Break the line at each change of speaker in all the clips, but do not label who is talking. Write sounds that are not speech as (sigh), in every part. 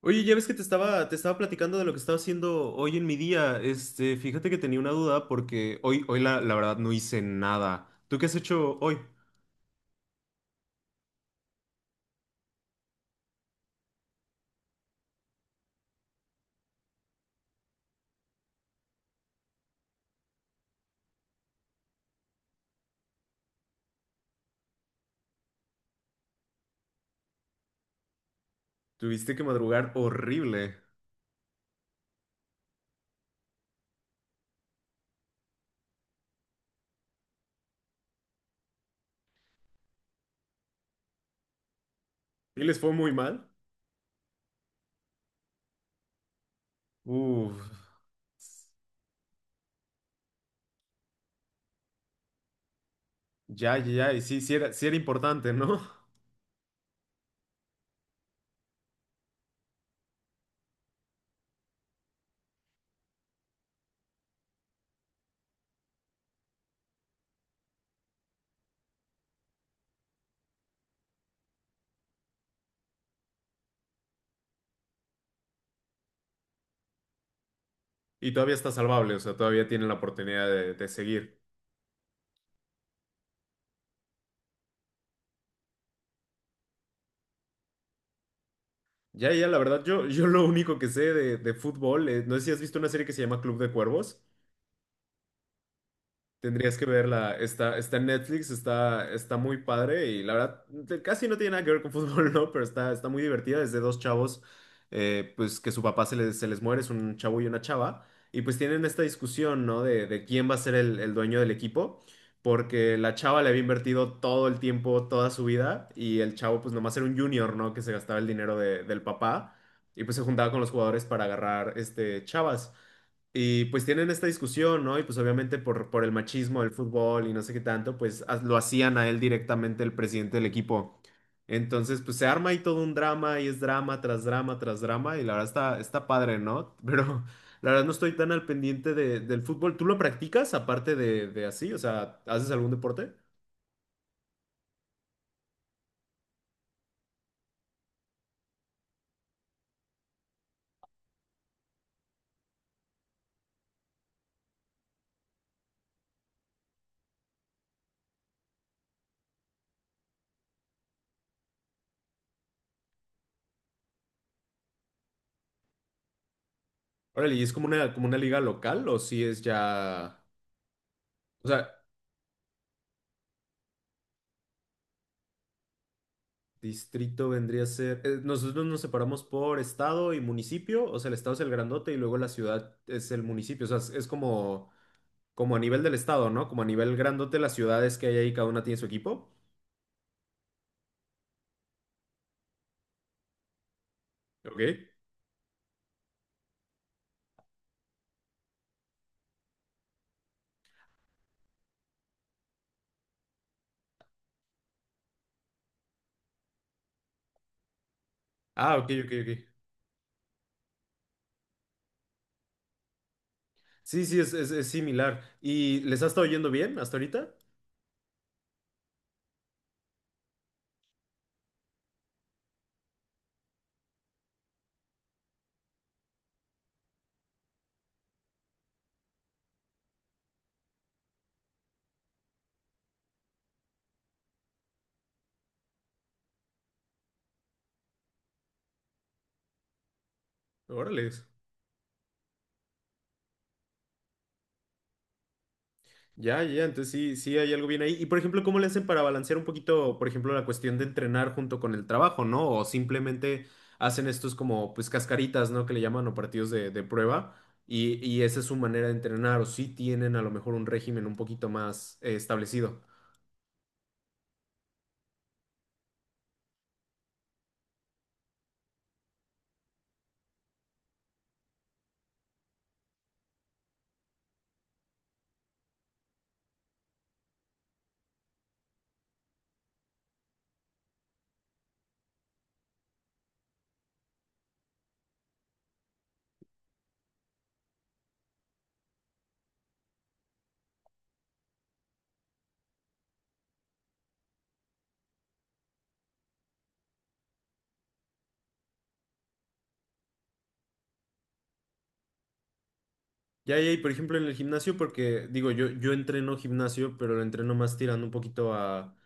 Oye, ya ves que te estaba platicando de lo que estaba haciendo hoy en mi día. Fíjate que tenía una duda porque hoy la verdad no hice nada. ¿Tú qué has hecho hoy? Tuviste que madrugar horrible. ¿Y les fue muy mal? Uf, ya, ya, ya. Y sí, sí era importante, ¿no? (laughs) Y todavía está salvable, o sea, todavía tienen la oportunidad de seguir. Ya, ya, la verdad, yo lo único que sé de fútbol, no sé si has visto una serie que se llama Club de Cuervos. Tendrías que verla. Está, está en Netflix, está, está muy padre, y la verdad casi no tiene nada que ver con fútbol, (laughs) ¿no? Pero está, está muy divertida. Es de dos chavos, pues que su papá se les muere. Es un chavo y una chava. Y pues tienen esta discusión, ¿no? De quién va a ser el dueño del equipo, porque la chava le había invertido todo el tiempo, toda su vida, y el chavo pues nomás era un junior, ¿no? Que se gastaba el dinero del papá y pues se juntaba con los jugadores para agarrar chavas. Y pues tienen esta discusión, ¿no? Y pues obviamente por el machismo del fútbol y no sé qué tanto, pues lo hacían a él directamente el presidente del equipo. Entonces, pues se arma ahí todo un drama, y es drama tras drama tras drama, y la verdad está, está padre, ¿no? (laughs) Pero la verdad no estoy tan al pendiente del fútbol. ¿Tú lo practicas aparte de así? O sea, ¿haces algún deporte? Órale, ¿y es como una liga local, o si es ya... O sea, distrito vendría a ser. Eh, nosotros nos separamos por estado y municipio. O sea, el estado es el grandote y luego la ciudad es el municipio. O sea, es como, como a nivel del estado, ¿no? Como a nivel grandote, las ciudades que hay ahí, cada una tiene su equipo. Ok. Ah, ok, ok, ok. Sí, sí, es similar. ¿Y les ha estado yendo bien hasta ahorita? Órale. Ya, ya, entonces sí, sí hay algo bien ahí. Y por ejemplo, ¿cómo le hacen para balancear un poquito, por ejemplo, la cuestión de entrenar junto con el trabajo, ¿no? O simplemente hacen estos como, pues, cascaritas, ¿no? Que le llaman, o partidos de prueba. Y esa es su manera de entrenar, o sí tienen a lo mejor un régimen un poquito más, establecido. Ya, ya, y por ejemplo en el gimnasio, porque digo, yo entreno gimnasio, pero lo entreno más tirando un poquito a...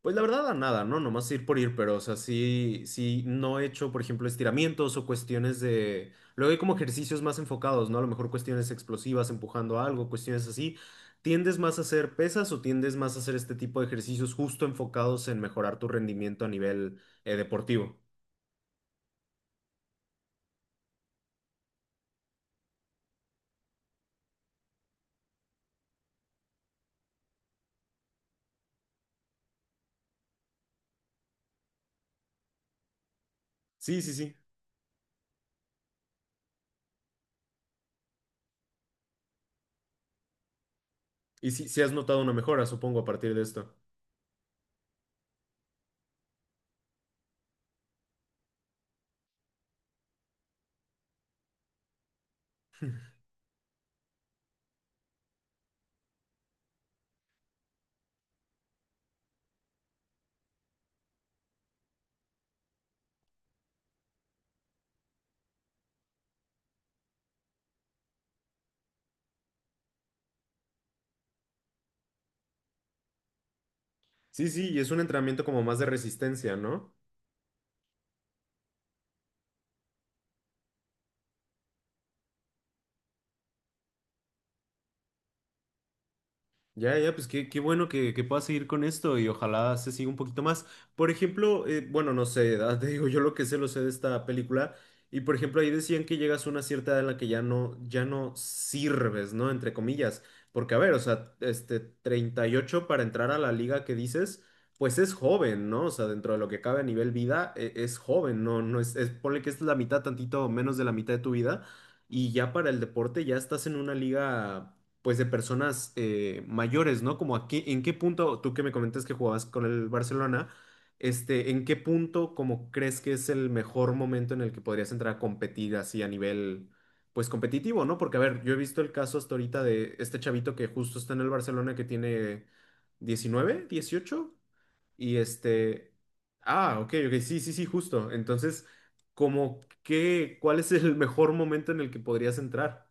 Pues la verdad, a nada, ¿no? Nomás ir por ir, pero, o sea, sí, sí, no he hecho, por ejemplo, estiramientos o cuestiones de... Luego hay como ejercicios más enfocados, ¿no? A lo mejor cuestiones explosivas, empujando algo, cuestiones así. ¿Tiendes más a hacer pesas o tiendes más a hacer este tipo de ejercicios justo enfocados en mejorar tu rendimiento a nivel, deportivo? Sí, sí, sí. Y sí, sí has notado una mejora, supongo, a partir de esto. Sí, sí, y es un entrenamiento como más de resistencia, ¿no? Ya, ya, pues qué, qué bueno que puedas seguir con esto y ojalá se siga un poquito más. Por ejemplo, bueno, no sé, (laughs) ah, te digo, yo lo que sé lo sé de esta película, y por ejemplo ahí decían que llegas a una cierta edad en la que ya no, ya no sirves, ¿no? Entre comillas. Porque a ver, o sea, 38 para entrar a la liga que dices, pues es joven, ¿no? O sea, dentro de lo que cabe a nivel vida, es joven, ¿no? No es, es, ponle que es la mitad, tantito menos de la mitad de tu vida, y ya para el deporte ya estás en una liga pues de personas, mayores, ¿no? Como aquí. ¿En qué punto, tú que me comentas que jugabas con el Barcelona, en qué punto como crees que es el mejor momento en el que podrías entrar a competir así a nivel, pues competitivo, ¿no? Porque a ver, yo he visto el caso hasta ahorita de este chavito que justo está en el Barcelona que tiene 19, 18 y este, ah, ok, ok, sí, sí, sí, justo. Entonces, como que, ¿cuál es el mejor momento en el que podrías entrar?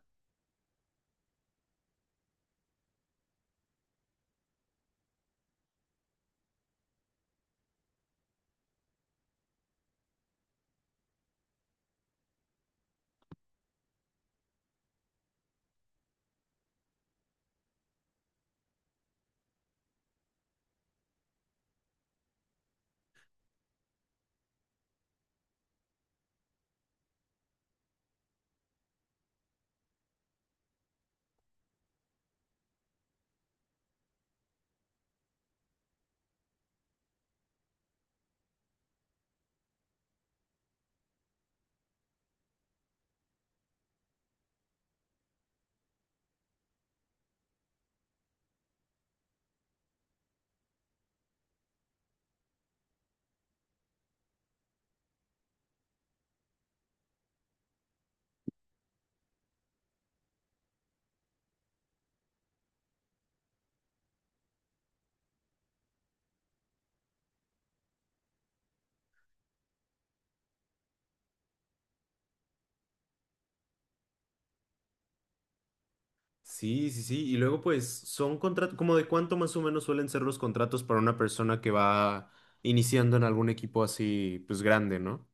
Sí, sí, sí. Y luego, pues, son contratos, como de cuánto más o menos suelen ser los contratos para una persona que va iniciando en algún equipo así, pues, grande, ¿no?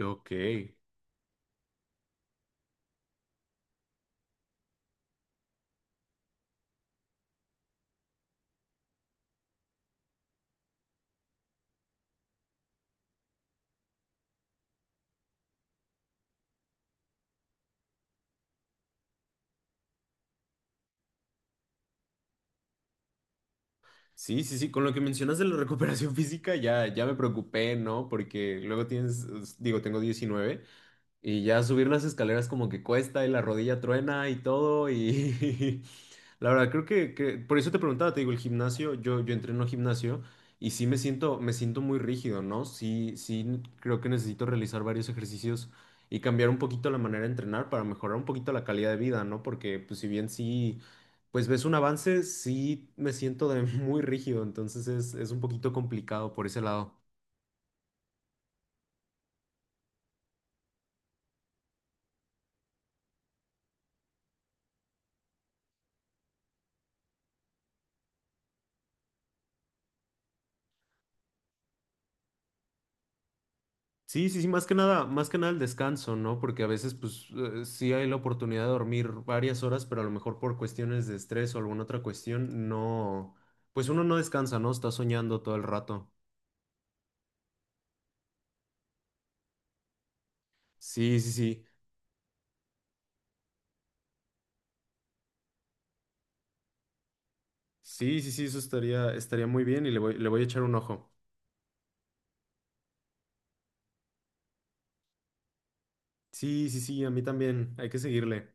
Ok. Sí, sí, sí. Con lo que mencionas de la recuperación (laughs) física, ya, ya me preocupé, ¿no? Porque luego tienes, digo, tengo 19. Y ya subir las escaleras como que cuesta y la rodilla truena y todo. Y (laughs) la verdad, creo por eso te preguntaba, te digo, el gimnasio, yo entreno gimnasio, y sí me siento muy rígido, ¿no? Sí, sí, creo que necesito realizar varios ejercicios y cambiar un poquito la manera de entrenar para mejorar un poquito la calidad de vida, ¿no? Porque pues si bien sí, pues ves un avance, sí me siento de (laughs) muy rígido. Entonces es un poquito complicado por ese lado. Sí, sí, sí, más que nada el descanso, ¿no? Porque a veces, pues, sí hay la oportunidad de dormir varias horas, pero a lo mejor por cuestiones de estrés o alguna otra cuestión, no, pues uno no descansa, ¿no? Está soñando todo el rato. Sí, sí, sí. Sí, sí, sí, eso estaría, estaría muy bien, y le voy a echar un ojo. Sí, sí, sí, a mí también. Hay que seguirle.